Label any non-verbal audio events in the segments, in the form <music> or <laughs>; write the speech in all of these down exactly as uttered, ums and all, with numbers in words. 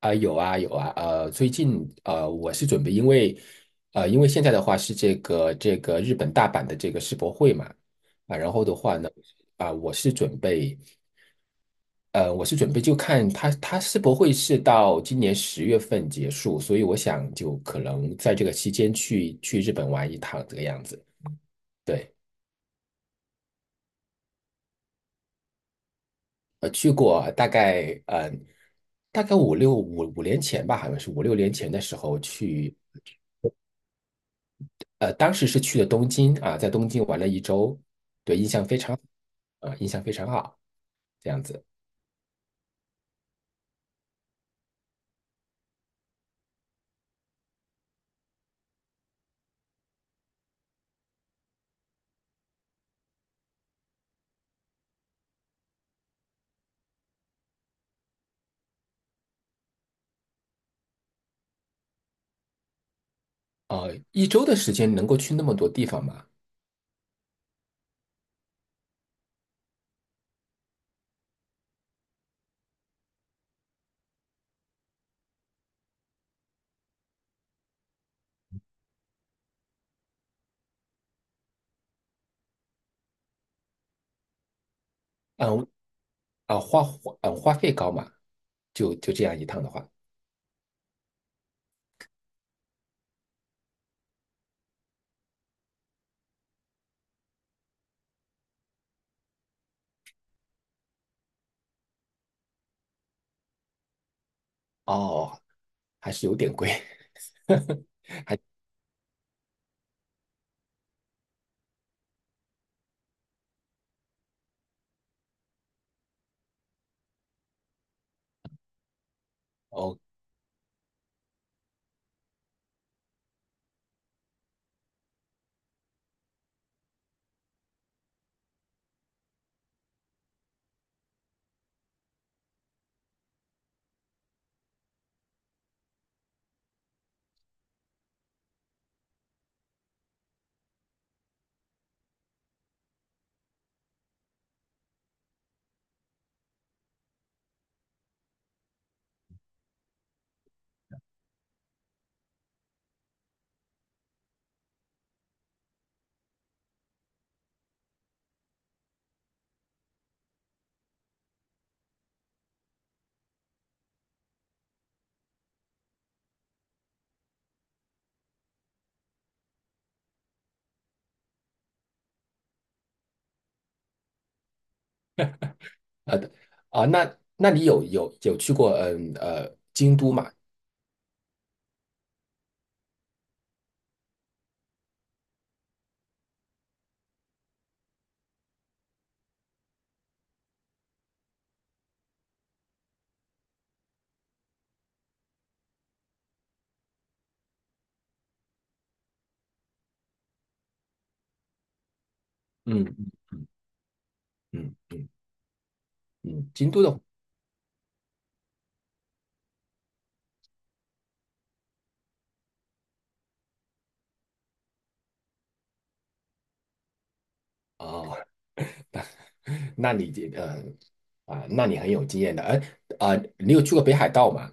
啊、有啊有啊，呃，最近呃，我是准备，因为呃，因为现在的话是这个这个日本大阪的这个世博会嘛，啊，然后的话呢，啊、我是准备，呃，我是准备就看它它世博会是到今年十月份结束，所以我想就可能在这个期间去去日本玩一趟这个样子。对，呃，去过大概嗯、呃大概五六五五年前吧，好像是五六年前的时候去呃，当时是去了东京啊，在东京玩了一周，对，印象非常啊，印象非常好，这样子啊。一周的时间能够去那么多地方吗？嗯啊，花花嗯花费高嘛？就就这样一趟的话，哦，还是有点贵。 <laughs> 哦，呃啊，那那你有有有去过嗯呃京都嘛？嗯嗯嗯，京都的哦，<laughs> 那你这呃啊，那你很有经验的。哎啊，你有去过北海道吗？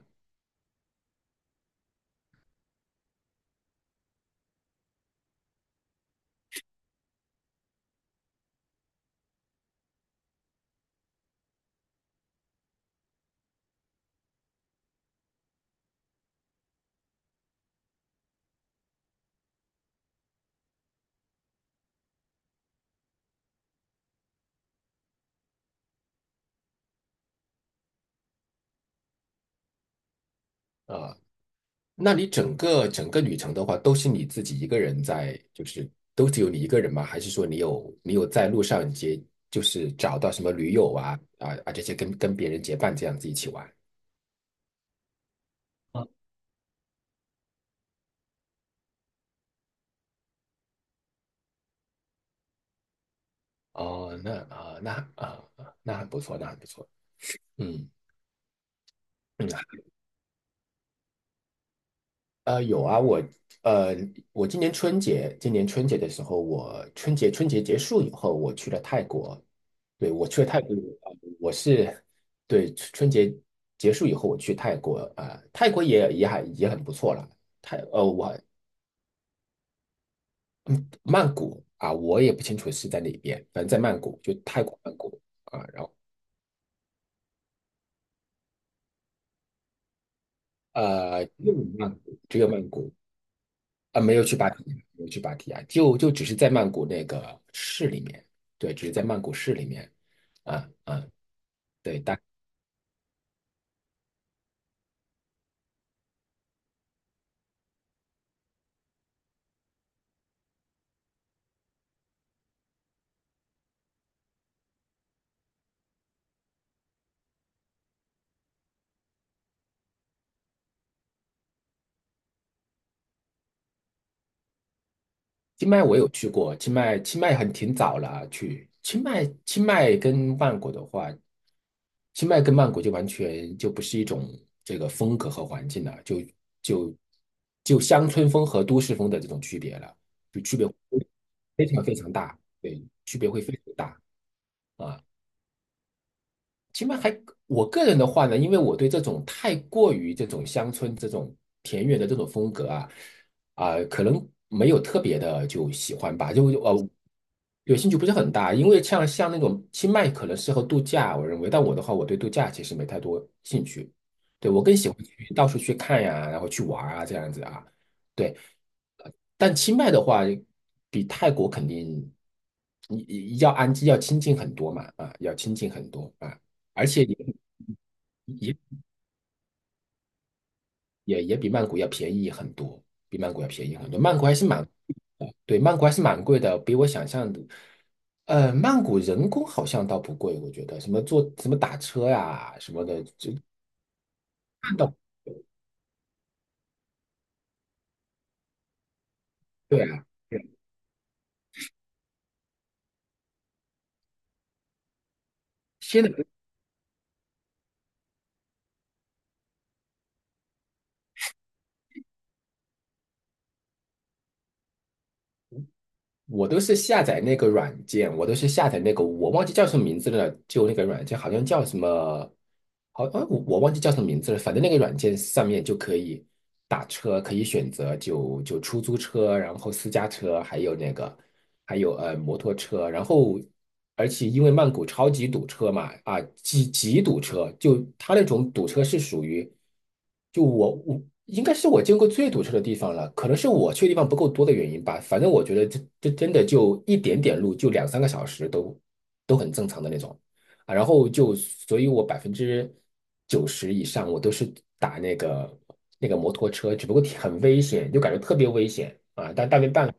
啊、那你整个整个旅程的话，都是你自己一个人在，就是都只有你一个人吗？还是说你有你有在路上结，就是找到什么驴友啊啊啊这些跟跟别人结伴这样子一起玩？啊，哦，那啊、那啊、那很不错，那很不错。嗯嗯，呃，有啊，我呃，我今年春节，今年春节的时候，我春节春节结束以后，我去了泰国。对，我去了泰国，呃我是对春春节结束以后，我去泰国啊、呃泰国也也还也很不错了。泰呃，我曼谷啊、我也不清楚是在哪边，反正在曼谷，就泰国曼谷啊、然后呃，只有曼谷，只有曼谷，啊，没有去芭提雅，没有去芭提雅，就就只是在曼谷那个市里面，对，只是在曼谷市里面，啊啊，对，大清迈我有去过，清迈清迈很挺早了啊，去清迈清迈跟曼谷的话，清迈跟曼谷就完全就不是一种这个风格和环境了，就就就乡村风和都市风的这种区别了，就区别非常非常大，对，区别会非常大。啊。起码还我个人的话呢，因为我对这种太过于这种乡村这种田园的这种风格啊，啊、可能没有特别的就喜欢吧，就呃，有兴趣不是很大，因为像像那种清迈可能适合度假，我认为，但我的话，我对度假其实没太多兴趣，对，我更喜欢去到处去看呀，然后去玩啊这样子啊，对，但清迈的话，比泰国肯定你要安要亲近很多嘛，啊，要亲近很多啊，而且也也也也比曼谷要便宜很多，比曼谷要便宜很多。曼谷还是蛮，对，曼谷还是蛮贵的，比我想象的。呃，曼谷人工好像倒不贵，我觉得什么坐什么打车呀、什么的，就看到对啊，对啊现在。我都是下载那个软件，我都是下载那个，我忘记叫什么名字了，就那个软件好像叫什么，好，啊我我忘记叫什么名字了，反正那个软件上面就可以打车，可以选择就就出租车，然后私家车，还有那个还有呃摩托车，然后而且因为曼谷超级堵车嘛，啊极极堵车，就它那种堵车是属于，就我我应该是我见过最堵车的地方了，可能是我去的地方不够多的原因吧，反正我觉得这这真的就一点点路就两三个小时都都很正常的那种啊，然后就所以我百分之九十以上我都是打那个那个摩托车，只不过挺很危险，就感觉特别危险啊，但但没办法。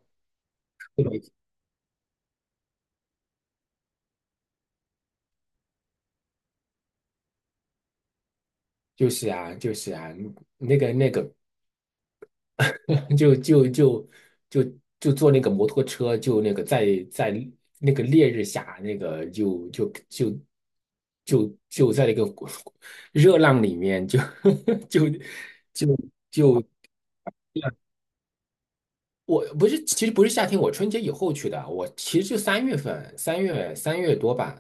就是啊，就是啊，那个那个，<laughs> 就就就就就坐那个摩托车，就那个在在那个烈日下，那个就就就就就在那个 <laughs> 热浪里面，就 <laughs> 就就就，我不是，其实不是夏天，我春节以后去的，我其实就三月份，三月三月多吧，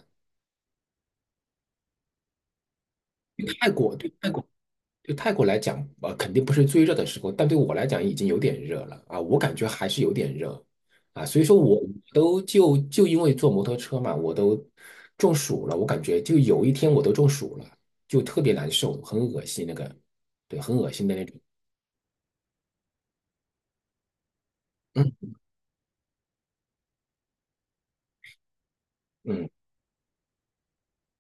去泰国，对，泰国。对泰国来讲，呃，肯定不是最热的时候，但对我来讲已经有点热了啊，我感觉还是有点热啊，所以说我都就就因为坐摩托车嘛，我都中暑了，我感觉就有一天我都中暑了，就特别难受，很恶心那个，对，很恶心的那种，嗯嗯。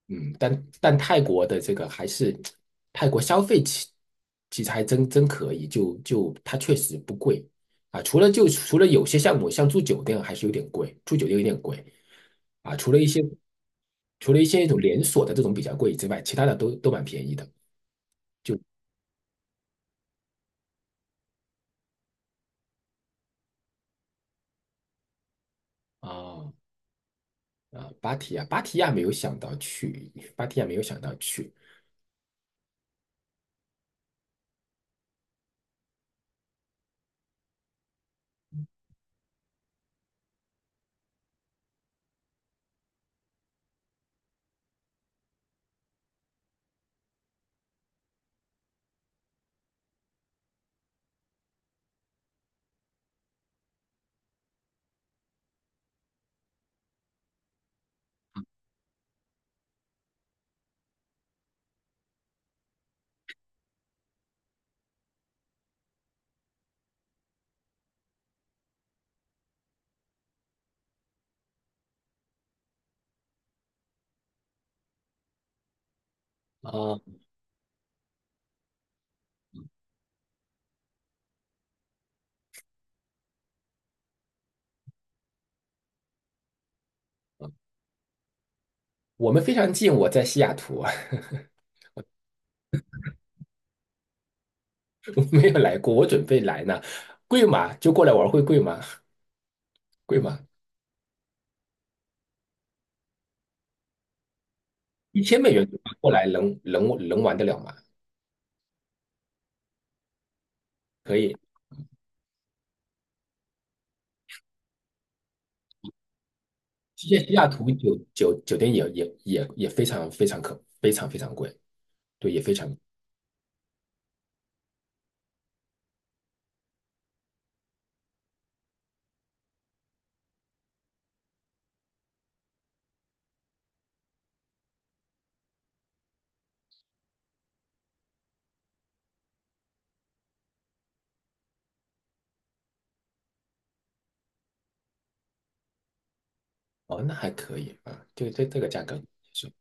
嗯，但但泰国的这个还是泰国消费其其实还真真可以，就就它确实不贵啊。除了就除了有些项目，像住酒店还是有点贵，住酒店有点贵啊。除了一些除了一些那种连锁的这种比较贵之外，其他的都都蛮便宜的啊啊。芭提雅，芭提雅没有想到去，芭提雅没有想到去啊。我们非常近，我在西雅图，<laughs> 没有来过，我准备来呢。贵吗？就过来玩会贵吗？贵吗？一千美元过来能能能玩得了吗？可以。西西雅图酒酒酒店也也也也非常非常可非常非常贵，对，也非常。哦，那还可以啊，这个这这个价格是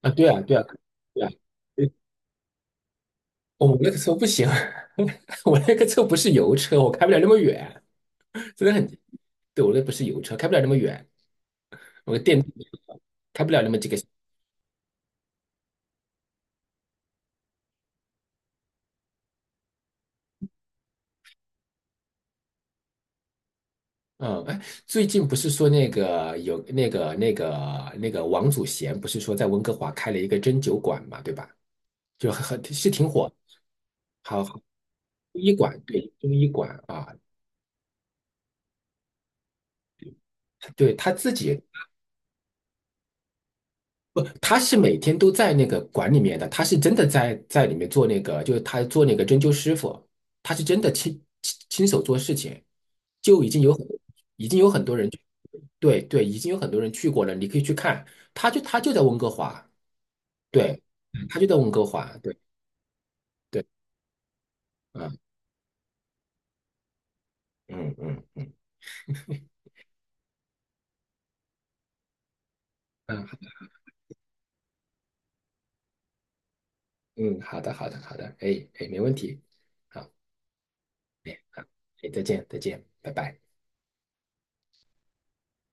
啊，对啊对啊，对啊，对。哦，我那个车不行，<laughs> 我那个车不是油车，我开不了那么远，真的很，对我那不是油车，开不了那么远，我电开不了那么几个。嗯，哎，最近不是说那个有那个那个那个王祖贤，不是说在温哥华开了一个针灸馆嘛，对吧？就很很是挺火，好，中医馆，对，中医馆啊，对他自己。不，他是每天都在那个馆里面的，他是真的在在里面做那个，就是他做那个针灸师傅，他是真的亲亲亲手做事情，就已经有很已经有很多人，对对，已经有很多人去过了，你可以去看，他就他就在温哥华。对，他就在温哥华，对对，啊，嗯嗯，嗯嗯，好的好的好的，哎哎，没问题，好，哎哎，再见再见，拜拜。